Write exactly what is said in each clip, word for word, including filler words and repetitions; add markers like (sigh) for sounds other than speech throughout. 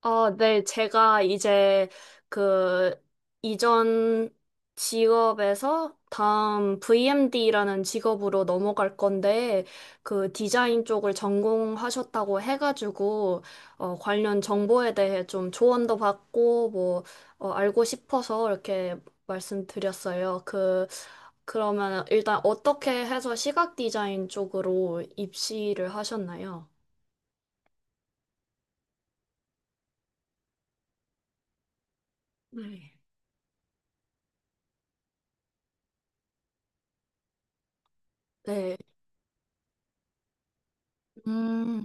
아, 네, 제가 이제 그 이전 직업에서 다음 브이엠디라는 직업으로 넘어갈 건데, 그 디자인 쪽을 전공하셨다고 해가지고, 어, 관련 정보에 대해 좀 조언도 받고, 뭐, 어, 알고 싶어서 이렇게 말씀드렸어요. 그, 그러면 일단 어떻게 해서 시각 디자인 쪽으로 입시를 하셨나요? 네. 네. 음.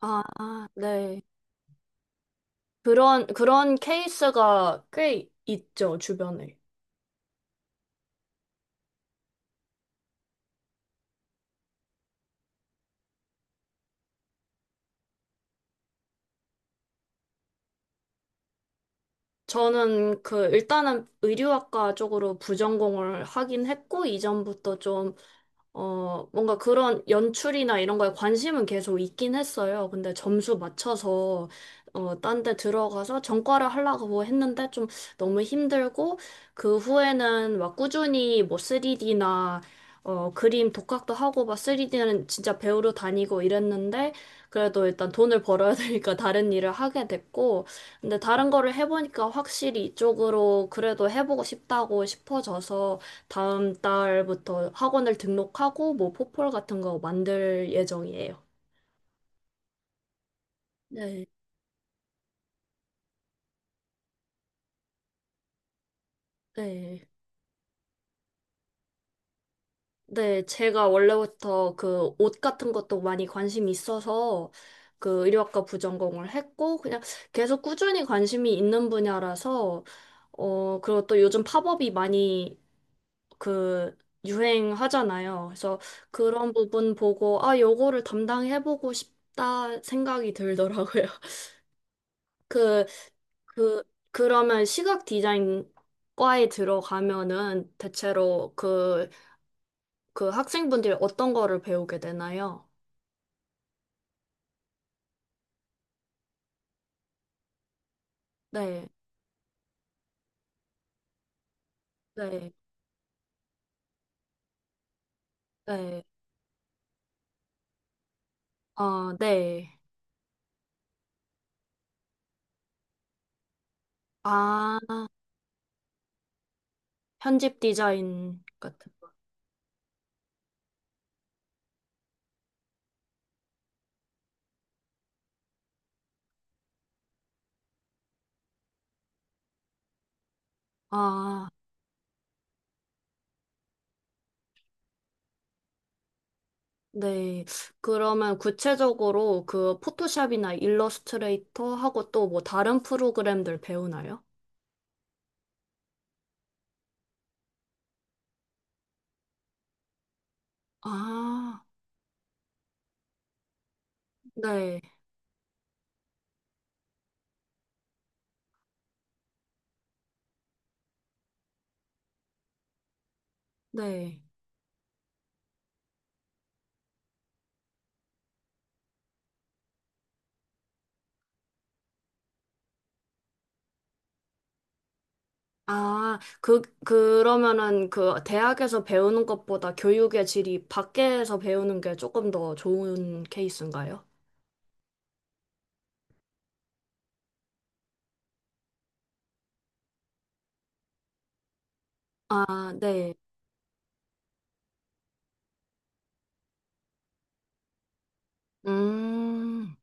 아, 네. 그런, 그런 케이스가 꽤 있죠, 주변에. 저는 그 일단은 의류학과 쪽으로 부전공을 하긴 했고 이전부터 좀 어, 뭔가 그런 연출이나 이런 거에 관심은 계속 있긴 했어요. 근데 점수 맞춰서, 어, 딴 데 들어가서 전과를 하려고 했는데 좀 너무 힘들고, 그 후에는 막 꾸준히 뭐 쓰리디나, 어, 그림 독학도 하고, 막 쓰리디는 진짜 배우러 다니고 이랬는데, 그래도 일단 돈을 벌어야 (laughs) 되니까 다른 일을 하게 됐고, 근데 다른 거를 해보니까 확실히 이쪽으로 그래도 해보고 싶다고 싶어져서 다음 달부터 학원을 등록하고 뭐 포폴 같은 거 만들 예정이에요. 네, 네. 네, 제가 원래부터 그 옷 같은 것도 많이 관심이 있어서 그 의류학과 부전공을 했고 그냥 계속 꾸준히 관심이 있는 분야라서 어, 그리고 또 요즘 팝업이 많이 그 유행하잖아요. 그래서 그런 부분 보고 아, 요거를 담당해보고 싶다 생각이 들더라고요. (laughs) 그, 그, 그러면 시각 디자인 과에 들어가면은 대체로 그, 그 학생분들이 어떤 거를 배우게 되나요? 네, 네, 네, 어, 네. 아, 편집 디자인 같은 거. 아. 네. 그러면 구체적으로 그 포토샵이나 일러스트레이터하고 또 뭐 다른 프로그램들 배우나요? 아, 네. 네. 아, 그, 그러면은 그 대학에서 배우는 것보다 교육의 질이 밖에서 배우는 게 조금 더 좋은 케이스인가요? 아, 네. 음.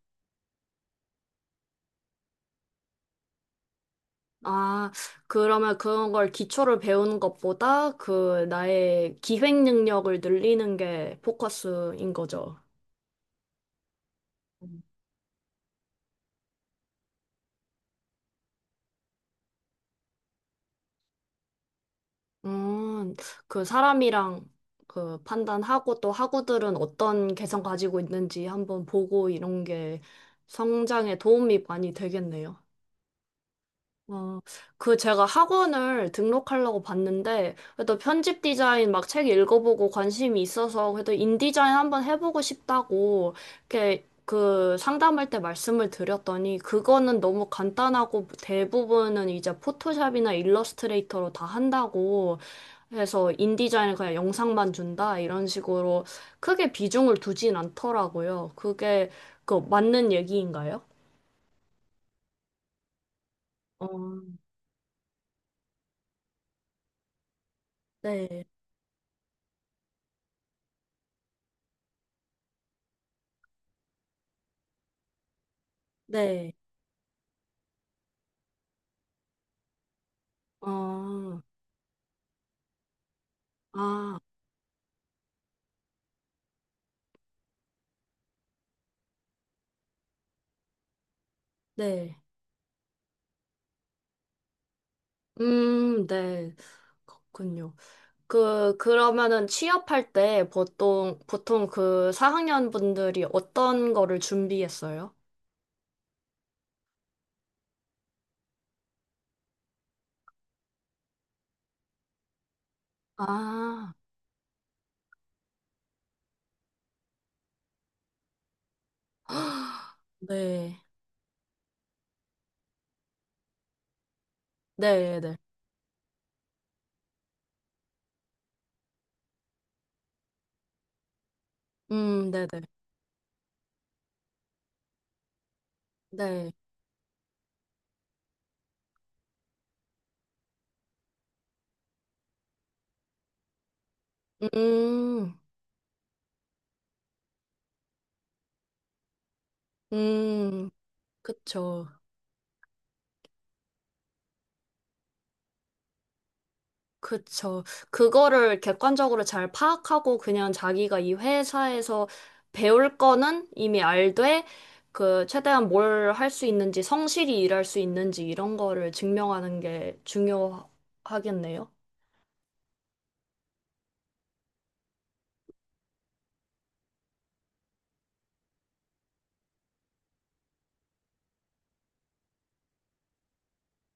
아, 그러면 그런 걸 기초를 배우는 것보다 그 나의 기획 능력을 늘리는 게 포커스인 거죠. 음, 그 사람이랑 그 판단하고 또 학우들은 어떤 개성 가지고 있는지 한번 보고 이런 게 성장에 도움이 많이 되겠네요. 어, 그 제가 학원을 등록하려고 봤는데, 그래도 편집 디자인 막 책 읽어보고 관심이 있어서, 그래도 인디자인 한번 해보고 싶다고, 이렇게 그 상담할 때 말씀을 드렸더니, 그거는 너무 간단하고 대부분은 이제 포토샵이나 일러스트레이터로 다 한다고 해서 인디자인을 그냥 영상만 준다, 이런 식으로 크게 비중을 두진 않더라고요. 그게 그 맞는 얘기인가요? 어, 네, 네. 아, 아, 네. 음, 네. 그렇군요. 그, 그러면은 취업할 때 보통, 보통 그 사 학년 분들이 어떤 거를 준비했어요? 아, 네. 네, 네. 음, 네, 네. 네. 음, 음, 그쵸. 그쵸. 그거를 객관적으로 잘 파악하고 그냥 자기가 이 회사에서 배울 거는 이미 알되 그 최대한 뭘 할 수 있는지 성실히 일할 수 있는지 이런 거를 증명하는 게 중요하겠네요.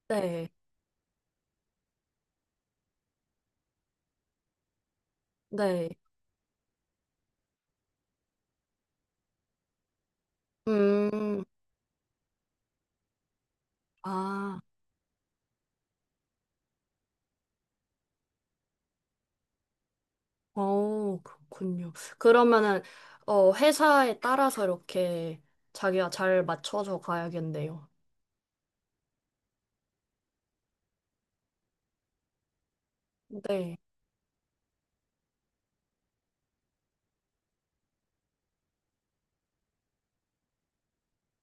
네. 네. 음. 아. 어, 그렇군요. 그러면은 어 회사에 따라서 이렇게 자기가 잘 맞춰서 가야겠네요. 네.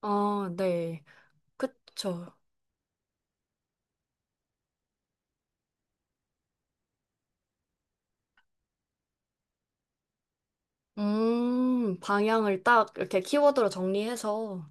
아, 네. 그쵸. 음, 방향을 딱 이렇게 키워드로 정리해서.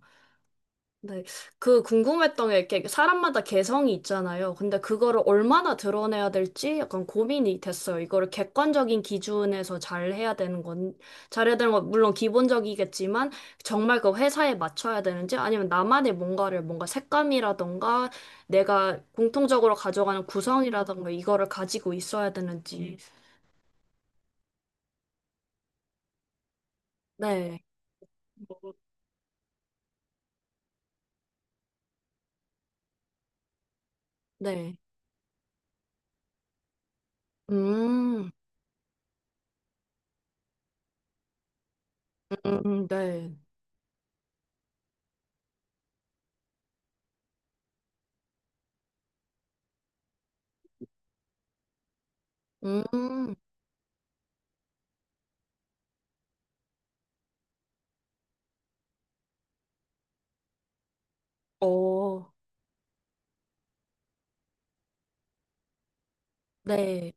네. 그 궁금했던 게 이렇게 사람마다 개성이 있잖아요. 근데 그거를 얼마나 드러내야 될지 약간 고민이 됐어요. 이거를 객관적인 기준에서 잘 해야 되는 건, 잘해야 되는 건 물론 기본적이겠지만 정말 그 회사에 맞춰야 되는지 아니면 나만의 뭔가를 뭔가 색감이라던가 내가 공통적으로 가져가는 구성이라던가 이거를 가지고 있어야 되는지. 네. 네. 음, 음, 음, 음, 네. 음, 어, 네,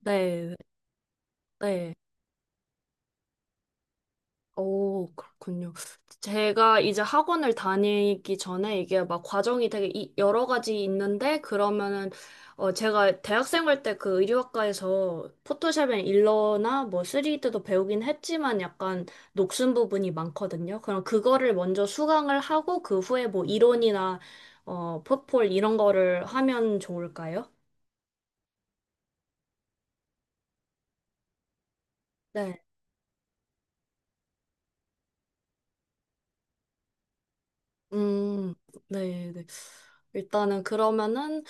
네, 네. 오, 그렇군요. 제가 이제 학원을 다니기 전에 이게 막 과정이 되게 이- 여러 가지 있는데, 그러면은, 어, 제가 대학생 할 때 그 의류학과에서 포토샵이나 일러나 뭐 쓰리디도 배우긴 했지만 약간 녹슨 부분이 많거든요. 그럼 그거를 먼저 수강을 하고, 그 후에 뭐 이론이나, 어, 포폴 이런 거를 하면 좋을까요? 네. 음, 네, 네. 일단은 그러면은,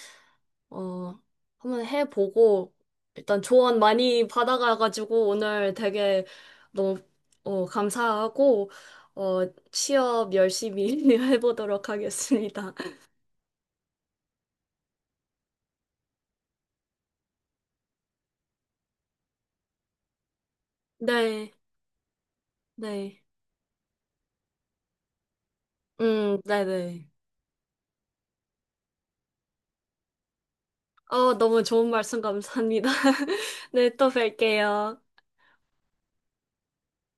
어, 한번 해보고, 일단 조언 많이 받아가가지고, 오늘 되게 너무, 어, 감사하고, 어, 취업 열심히 (laughs) 해보도록 하겠습니다. 네, 네. 음, 네네. 어, 너무 좋은 말씀 감사합니다. (laughs) 네, 또 뵐게요.